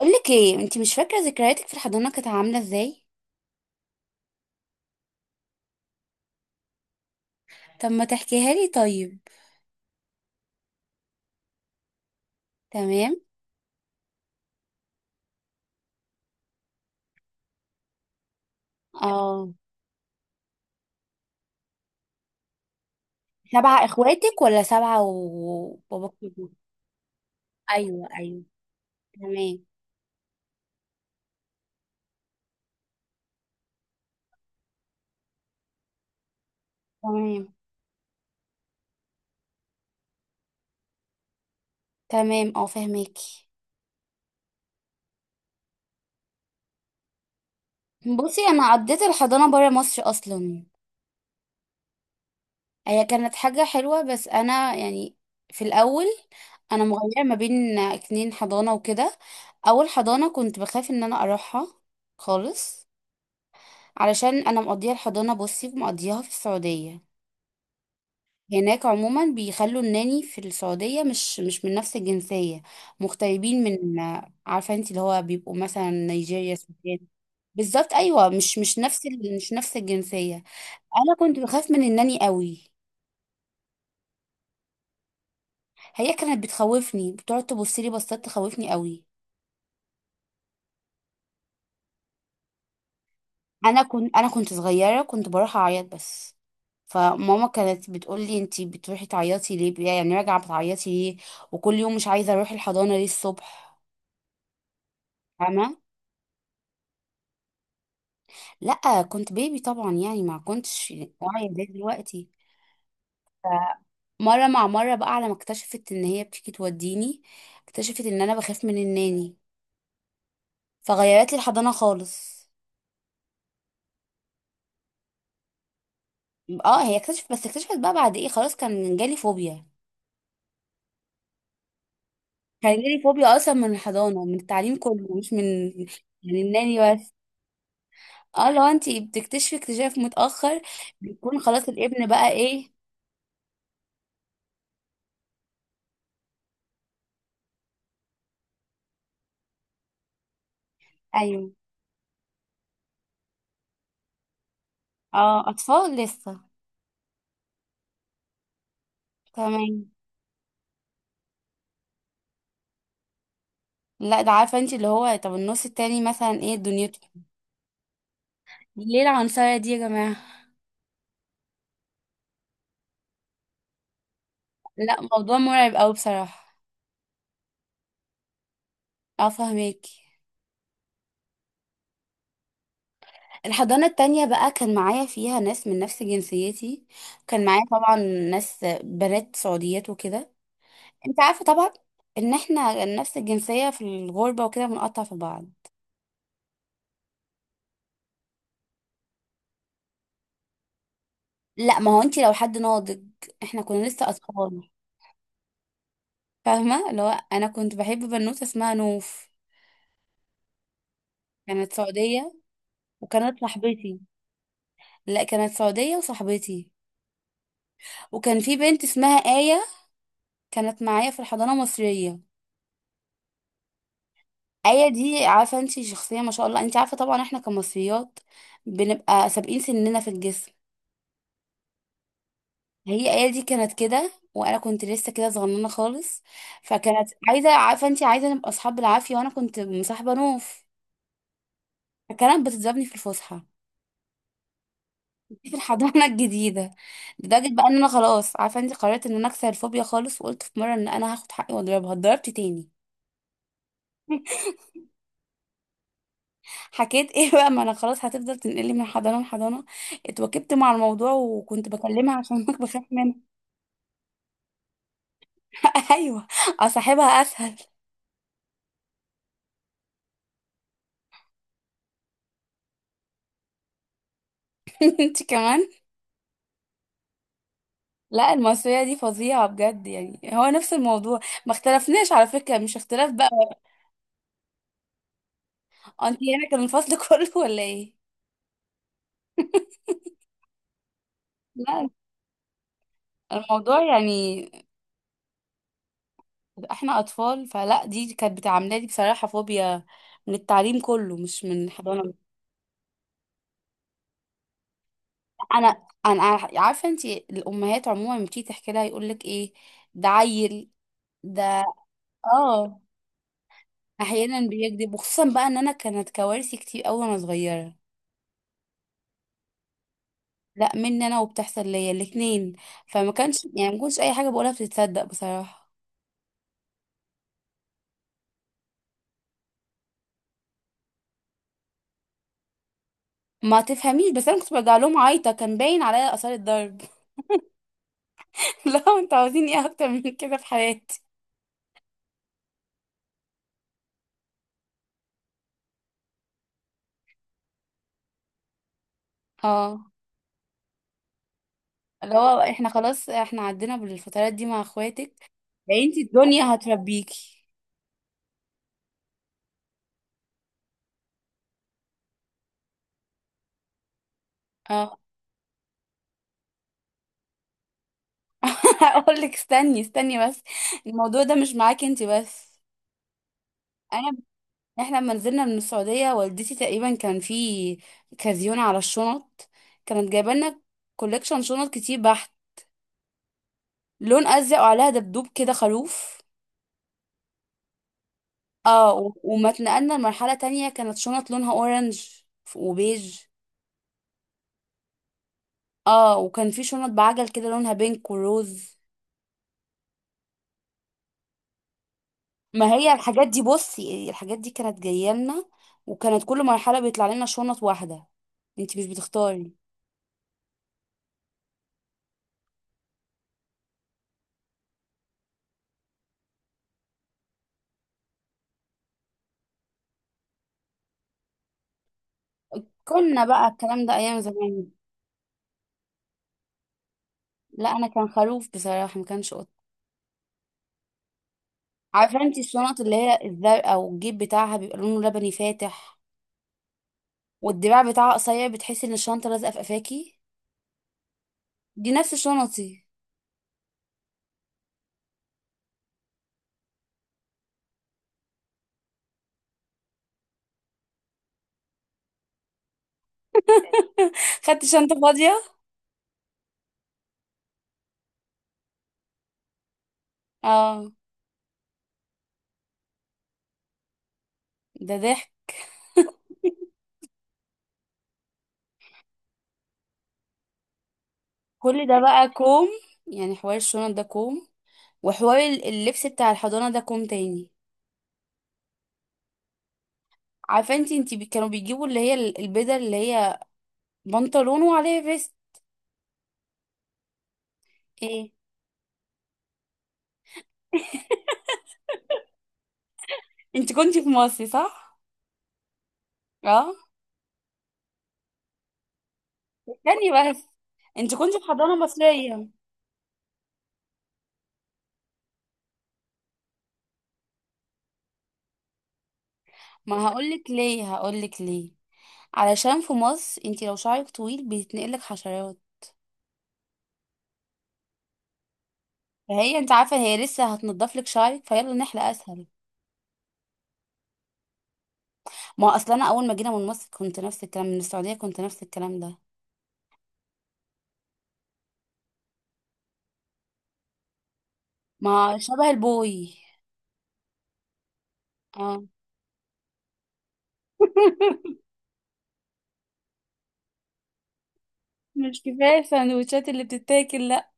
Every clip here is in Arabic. اقول لك ايه، انت مش فاكره ذكرياتك في الحضانه كانت عامله ازاي؟ طب ما تحكيها لي طيب. تمام. اه. سبعه اخواتك ولا سبعه وباباك وجوزك؟ ايوه ايوه. تمام تمام. تمام، اه فهماكي. بصي، انا عديت الحضانه بره مصر اصلا. هي كانت حاجه حلوه بس انا يعني في الاول انا مغيره ما بين 2 حضانه وكده. اول حضانه كنت بخاف ان انا اروحها خالص، علشان انا مقضيه الحضانه، بصي، مقضيها في السعوديه. هناك عموما بيخلوا الناني في السعوديه مش من نفس الجنسيه، مغتربين من. عارفه انت اللي هو بيبقوا مثلا نيجيريا، السودان. بالظبط، ايوه، مش نفس مش نفس الجنسيه. انا كنت بخاف من الناني قوي. هي كانت بتخوفني، بتقعد تبص لي بصات تخوفني قوي. انا كنت صغيره، كنت بروح اعيط بس. فماما كانت بتقول لي: انتي بتروحي تعيطي ليه، يعني راجعه بتعيطي ليه وكل يوم مش عايزه اروح الحضانه ليه الصبح؟ فاهمه. لا، كنت بيبي طبعا يعني ما كنتش واعيه زي دلوقتي. مره مع مره بقى، على ما اكتشفت ان هي بتيجي توديني، اكتشفت ان انا بخاف من الناني، فغيرت لي الحضانه خالص. اه، هي اكتشفت، بس اكتشفت بقى بعد ايه؟ خلاص كان جالي فوبيا. كان جالي فوبيا اصلا من الحضانه، من التعليم كله، مش من من الناني بس. اه، لو انت بتكتشفي اكتشاف متاخر بيكون خلاص الابن بقى ايه. ايوه. اه، اطفال لسه. تمام. لا، ده عارفه انت اللي هو، طب النص التاني مثلا ايه دنيته؟ ليه العنصريه دي يا جماعه؟ لا، موضوع مرعب قوي بصراحه. اه فهماكي. الحضانة التانية بقى كان معايا فيها ناس من نفس جنسيتي. كان معايا طبعا ناس بنات سعوديات وكده. انت عارفه طبعا ان احنا نفس الجنسيه في الغربه وكده بنقطع في بعض. لا، ما هو انت لو حد ناضج، احنا كنا لسه اطفال. فاهمه، اللي هو انا كنت بحب بنوته اسمها نوف. كانت سعوديه وكانت صاحبتي. لا، كانت سعوديه وصاحبتي. وكان في بنت اسمها آية، كانت معايا في الحضانه المصريه. آية دي عارفه انت شخصيه ما شاء الله، انت عارفه طبعا احنا كمصريات بنبقى سابقين سننا في الجسم. هي ايه دي كانت كده وانا كنت لسه كده صغننه خالص. فكانت عايزه، عارفه انت، عايزه نبقى اصحاب بالعافيه وانا كنت مصاحبه نوف، فكانت بتضربني في الفسحه في الحضانه الجديده. لدرجه بقى ان انا خلاص، عارفه انت، قررت ان انا اكسر الفوبيا خالص، وقلت في مره ان انا هاخد حقي واضربها. اتضربت تاني. حكيت ايه بقى؟ ما انا خلاص هتفضل تنقلي من حضانه لحضانه. اتوكبت مع الموضوع، وكنت بكلمها عشان بخاف منها. ايوه. اصاحبها اسهل. انت كمان. لا، المصرية دي فظيعة بجد، يعني هو نفس الموضوع، ما اختلفناش على فكرة، مش اختلاف بقى. انت هنا كان الفصل كله ولا ايه؟ لا، الموضوع يعني احنا اطفال، فلا دي كانت بتعاملها لي بصراحة فوبيا من التعليم كله مش من الحضانة. انا انا عارفة انت، الامهات عموما لما بتيجي تحكي لها يقول لك ايه: ده عيل، ده. اه. احيانا بيكذب، وخصوصا بقى ان انا كانت كوارثي كتير قوي وانا صغيرة. لا، مني انا وبتحصل ليا الاتنين. فما كانش يعني ما كنتش اي حاجه بقولها بتتصدق بصراحه. ما تفهميش بس، انا كنت برجع لهم عايطه، كان باين عليا اثار الضرب. لا، انتوا عاوزين ايه اكتر من كده في حياتي؟ اه، اللي هو احنا خلاص احنا عدينا بالفترات دي مع اخواتك. يا انتي الدنيا هتربيكي. اه. هقول لك استني استني بس، الموضوع ده مش معاكي انتي بس. انا، احنا لما نزلنا من السعودية والدتي تقريبا كان في كازيون على الشنط، كانت جايبه لنا كوليكشن شنط كتير بحت. لون ازرق وعليها دبدوب كده، خروف. اه، و- وما اتنقلنا لمرحلة تانية كانت شنط لونها اورنج وبيج. اه، وكان في شنط بعجل كده لونها بينك وروز. ما هي الحاجات دي، بصي، الحاجات دي كانت جايه لنا، وكانت كل مرحلة بيطلع لنا شنط واحدة. انتي مش بتختاري. كنا بقى الكلام ده ايام زمان. لا، انا كان خروف بصراحة، ما كانش قطة. عارفه انت الشنط اللي هي الزرقاء والجيب بتاعها بيبقى لونه لبني فاتح، والدراع بتاعها قصير، بتحسي ان الشنطه لازقه في قفاكي. دي نفس شنطي. خدت شنطه فاضيه. اه. ده ضحك. كل ده بقى كوم، يعني حوار الشنط ده كوم، وحوار اللبس بتاع الحضانه ده كوم تاني. عارفه انت كانوا بيجيبوا اللي هي البدل اللي هي بنطلون وعليها فيست. ايه؟ انت كنتي في مصر صح؟ اه. تاني بس. انت كنتي في حضانه مصريه؟ ما هقولك ليه، هقولك ليه، علشان في مصر انتي لو شعرك طويل بيتنقلك حشرات. فهي، انت عارفه، هي لسه هتنضف لك شعرك، فيلا نحلق اسهل. ما اصلا انا اول ما جينا من مصر كنت نفس الكلام، من السعوديه كنت نفس الكلام ده. ما شبه البوي. اه. مش كفايه السندوتشات اللي بتتاكل لا؟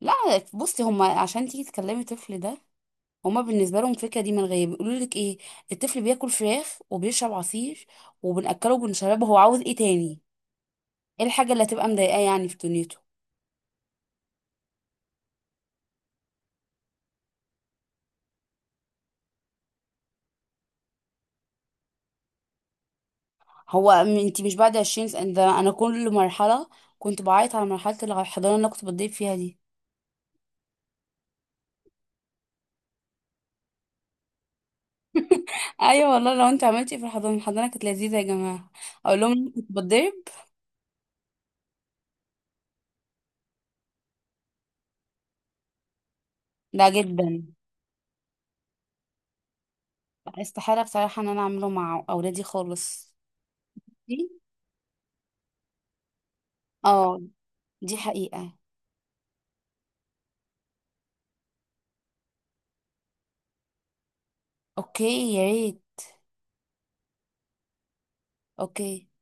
لا، بصي، هما عشان تيجي تكلمي الطفل ده، هما بالنسبه لهم الفكره دي من غير بيقولوا لك ايه، الطفل بياكل فراخ وبيشرب عصير وبناكله وبنشربه، هو عاوز ايه تاني؟ ايه الحاجه اللي هتبقى مضايقاه يعني في دنيته؟ هو انت مش بعد 20 سنة؟ ده انا كل مرحلة كنت بعيط على مرحلة الحضانة اللي أنا كنت بتضرب فيها دي. ايوه والله، لو انت عملتي في الحضانة، الحضانة كانت لذيذة يا جماعة، اقول لهم إن كنت بتضرب. لا جدا، استحالة بصراحة ان انا اعمله مع اولادي خالص. دي اه، دي حقيقة. اوكي، يا ريت. اوكي.